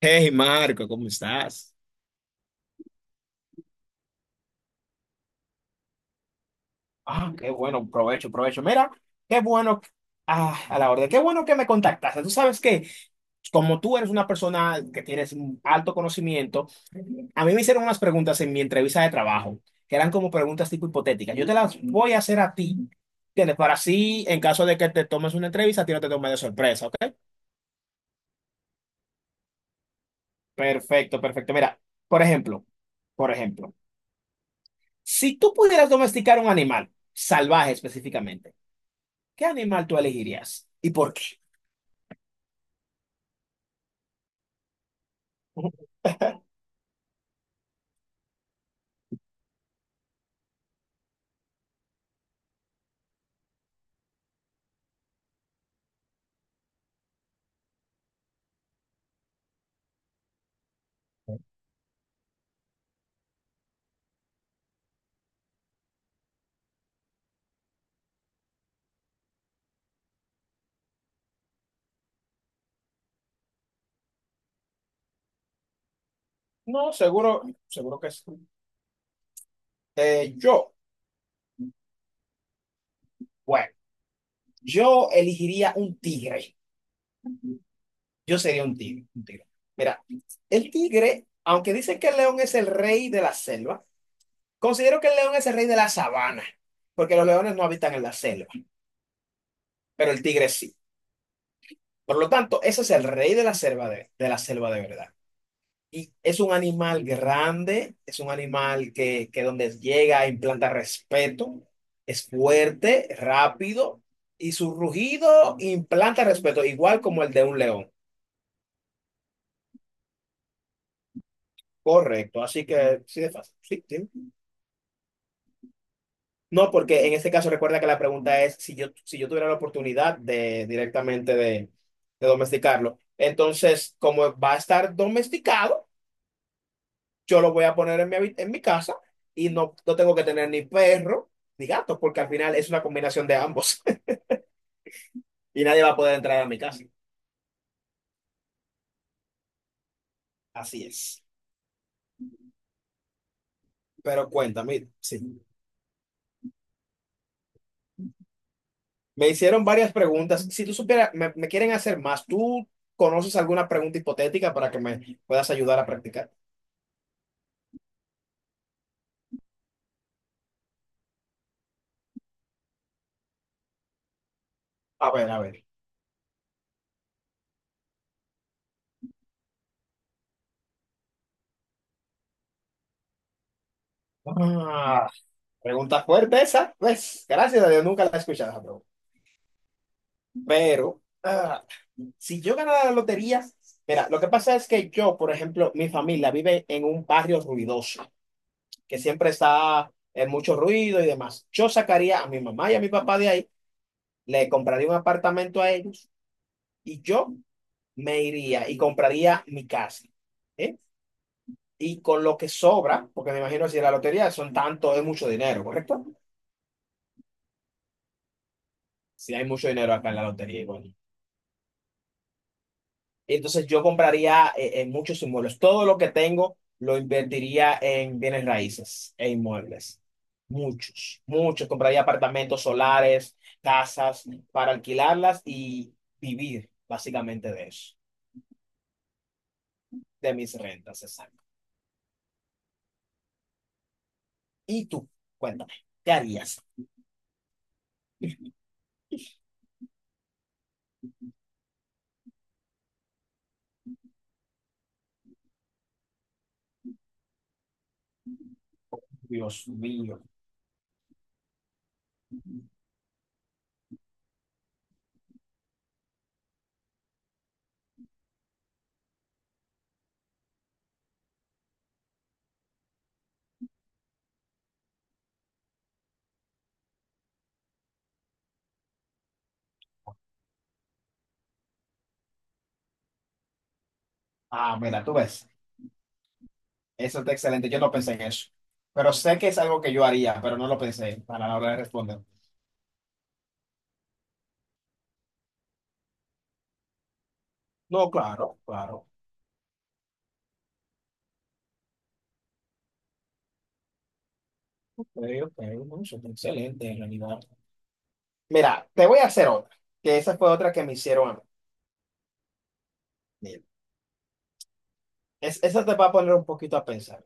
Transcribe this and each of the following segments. Hey Marco, ¿cómo estás? Ah, qué bueno, provecho, provecho. Mira, qué bueno, ah, a la orden, qué bueno que me contactaste. Tú sabes que, como tú eres una persona que tienes un alto conocimiento, a mí me hicieron unas preguntas en mi entrevista de trabajo, que eran como preguntas tipo hipotéticas. Yo te las voy a hacer a ti, ¿entiendes? Para así, en caso de que te tomes una entrevista, a ti no te tomes de sorpresa, ¿ok? Perfecto, perfecto. Mira, por ejemplo, por ejemplo, si tú pudieras domesticar un animal, salvaje específicamente, ¿qué animal tú elegirías y por qué? No, seguro, seguro que sí. Yo, bueno, yo elegiría un tigre. Yo sería un tigre, un tigre. Mira, el tigre, aunque dicen que el león es el rey de la selva, considero que el león es el rey de la sabana, porque los leones no habitan en la selva, pero el tigre sí. Por lo tanto, ese es el rey de la selva de la selva de verdad. Y es un animal grande, es un animal que donde llega implanta respeto, es fuerte, rápido y su rugido implanta respeto, igual como el de un león. Correcto, así que sí de fácil. Sí, sí. No, porque en este caso recuerda que la pregunta es si yo, si yo tuviera la oportunidad de directamente de domesticarlo. Entonces, como va a estar domesticado, yo lo voy a poner en mi, habi- en mi casa y no, no tengo que tener ni perro ni gato, porque al final es una combinación de ambos y nadie va a poder entrar a mi casa. Así es. Pero cuéntame, sí. Me hicieron varias preguntas. Si tú supieras, me quieren hacer más. ¿Tú conoces alguna pregunta hipotética para que me puedas ayudar a practicar? A ver, a ver. Ah, pregunta fuerte esa. Pues, gracias a Dios, nunca la he escuchado esa pregunta. Pero si yo ganara la lotería, mira, lo que pasa es que yo, por ejemplo, mi familia vive en un barrio ruidoso, que siempre está en mucho ruido y demás. Yo sacaría a mi mamá y a mi papá de ahí, le compraría un apartamento a ellos y yo me iría y compraría mi casa. ¿Eh? Y con lo que sobra, porque me imagino si la lotería son tanto, es mucho dinero, ¿correcto? Si hay mucho dinero acá en la lotería, igual. Y entonces yo compraría muchos inmuebles. Todo lo que tengo lo invertiría en bienes raíces e inmuebles. Muchos, muchos. Compraría apartamentos solares, casas para alquilarlas y vivir básicamente de eso, de mis rentas, exacto. Y tú, cuéntame, ¿qué harías? Dios mío. Ah, mira, tú ves. Eso está excelente. Yo no pensé en eso. Pero sé que es algo que yo haría, pero no lo pensé para la hora de responder. No, claro, claro. Ok, ok, no, eso está excelente en realidad. Mira, te voy a hacer otra, que esa fue otra que me hicieron a mí. Mira, es- esa te va a poner un poquito a pensar.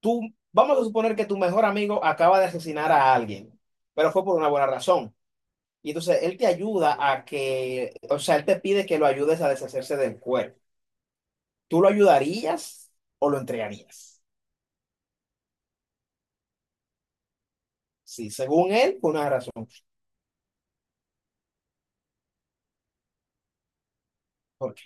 Tú, vamos a suponer que tu mejor amigo acaba de asesinar a alguien, pero fue por una buena razón. Y entonces él te ayuda a que, o sea, él te pide que lo ayudes a deshacerse del cuerpo. ¿Tú lo ayudarías o lo entregarías? Sí, según él, por una razón. ¿Por qué?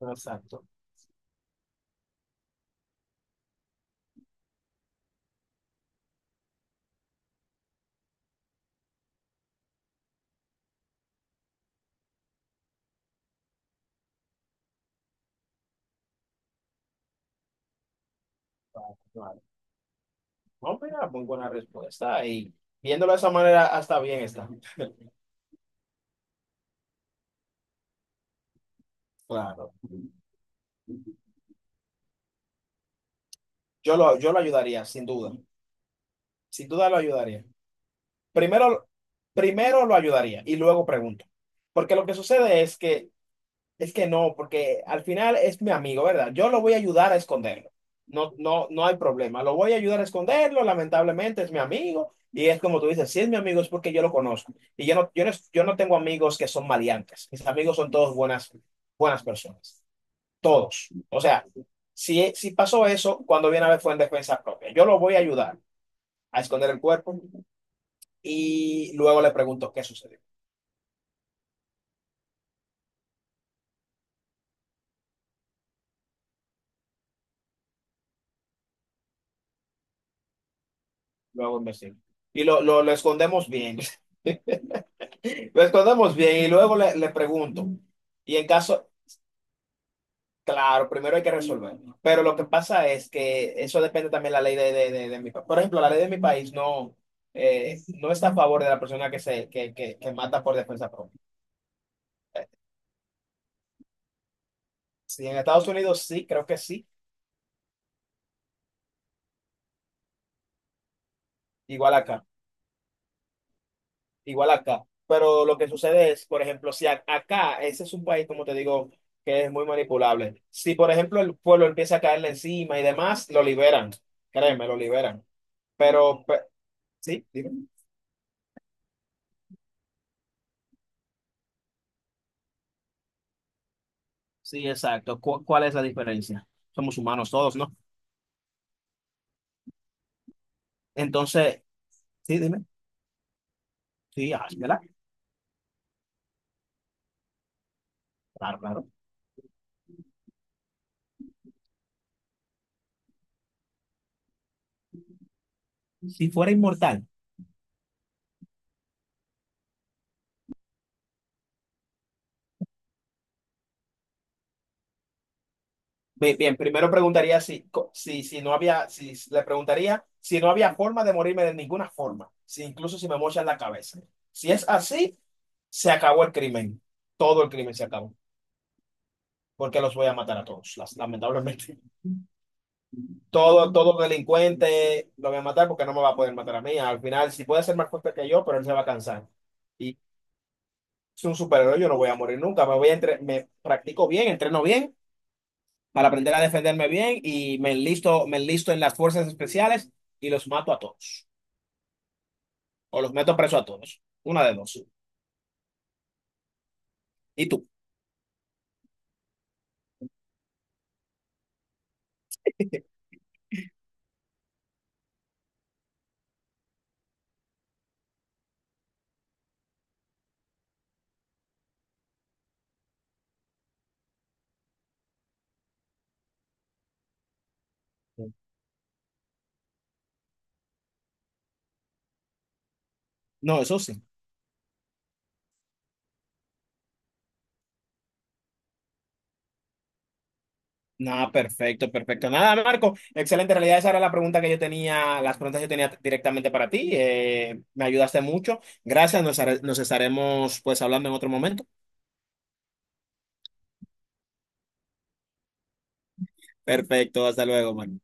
Exacto. Vale. No, mira, muy buena respuesta. Y viéndolo de esa manera, hasta bien está. Claro. Yo lo ayudaría, sin duda. Sin duda lo ayudaría. Primero, primero lo ayudaría y luego pregunto. Porque lo que sucede es que no, porque al final es mi amigo, ¿verdad? Yo lo voy a ayudar a esconderlo. No, no, no hay problema. Lo voy a ayudar a esconderlo, lamentablemente es mi amigo. Y es como tú dices, si es mi amigo es porque yo lo conozco. Y yo no tengo amigos que son maleantes. Mis amigos son todos buenas, buenas personas. Todos. O sea, si, si pasó eso, cuando viene a ver fue en defensa propia. Yo lo voy a ayudar a esconder el cuerpo y luego le pregunto qué sucedió. Luego investigo. Y lo escondemos bien. Lo escondemos bien y luego le pregunto. Y en caso, claro, primero hay que resolver. Pero lo que pasa es que eso depende también de la ley de mi país. Por ejemplo, la ley de mi país no, no está a favor de la persona que, se, que mata por defensa propia. Sí, en Estados Unidos sí, creo que sí. Igual acá. Igual acá. Pero lo que sucede es, por ejemplo, si a- acá, ese es un país, como te digo, que es muy manipulable. Si, por ejemplo, el pueblo empieza a caerle encima y demás, lo liberan. Créeme, lo liberan. Pero, pe- sí, dime. Sí, exacto. ¿Cu- cuál es la diferencia? Somos humanos todos, ¿no? Entonces, sí, dime. Sí, ah, ¿verdad? Claro, claro. Si fuera inmortal. Bien, bien, primero preguntaría si, co- si, si no había, si le preguntaría si no había forma de morirme de ninguna forma, si incluso si me mochan la cabeza. Si es así, se acabó el crimen. Todo el crimen se acabó, porque los voy a matar a todos, las- lamentablemente. Todo, todo delincuente lo voy a matar porque no me va a poder matar a mí. Al final, si puede ser más fuerte que yo, pero él se va a cansar. Y es un superhéroe, yo no voy a morir nunca. Me practico bien, entreno bien para aprender a defenderme bien y me enlisto en las fuerzas especiales y los mato a todos. O los meto preso a todos. Una de dos. ¿Y tú? No, eso sí. Nada, perfecto, perfecto. Nada, Marco. Excelente. En realidad, esa era la pregunta que yo tenía, las preguntas que yo tenía directamente para ti. Me ayudaste mucho. Gracias. Nos estaremos pues hablando en otro momento. Perfecto. Hasta luego, Marco.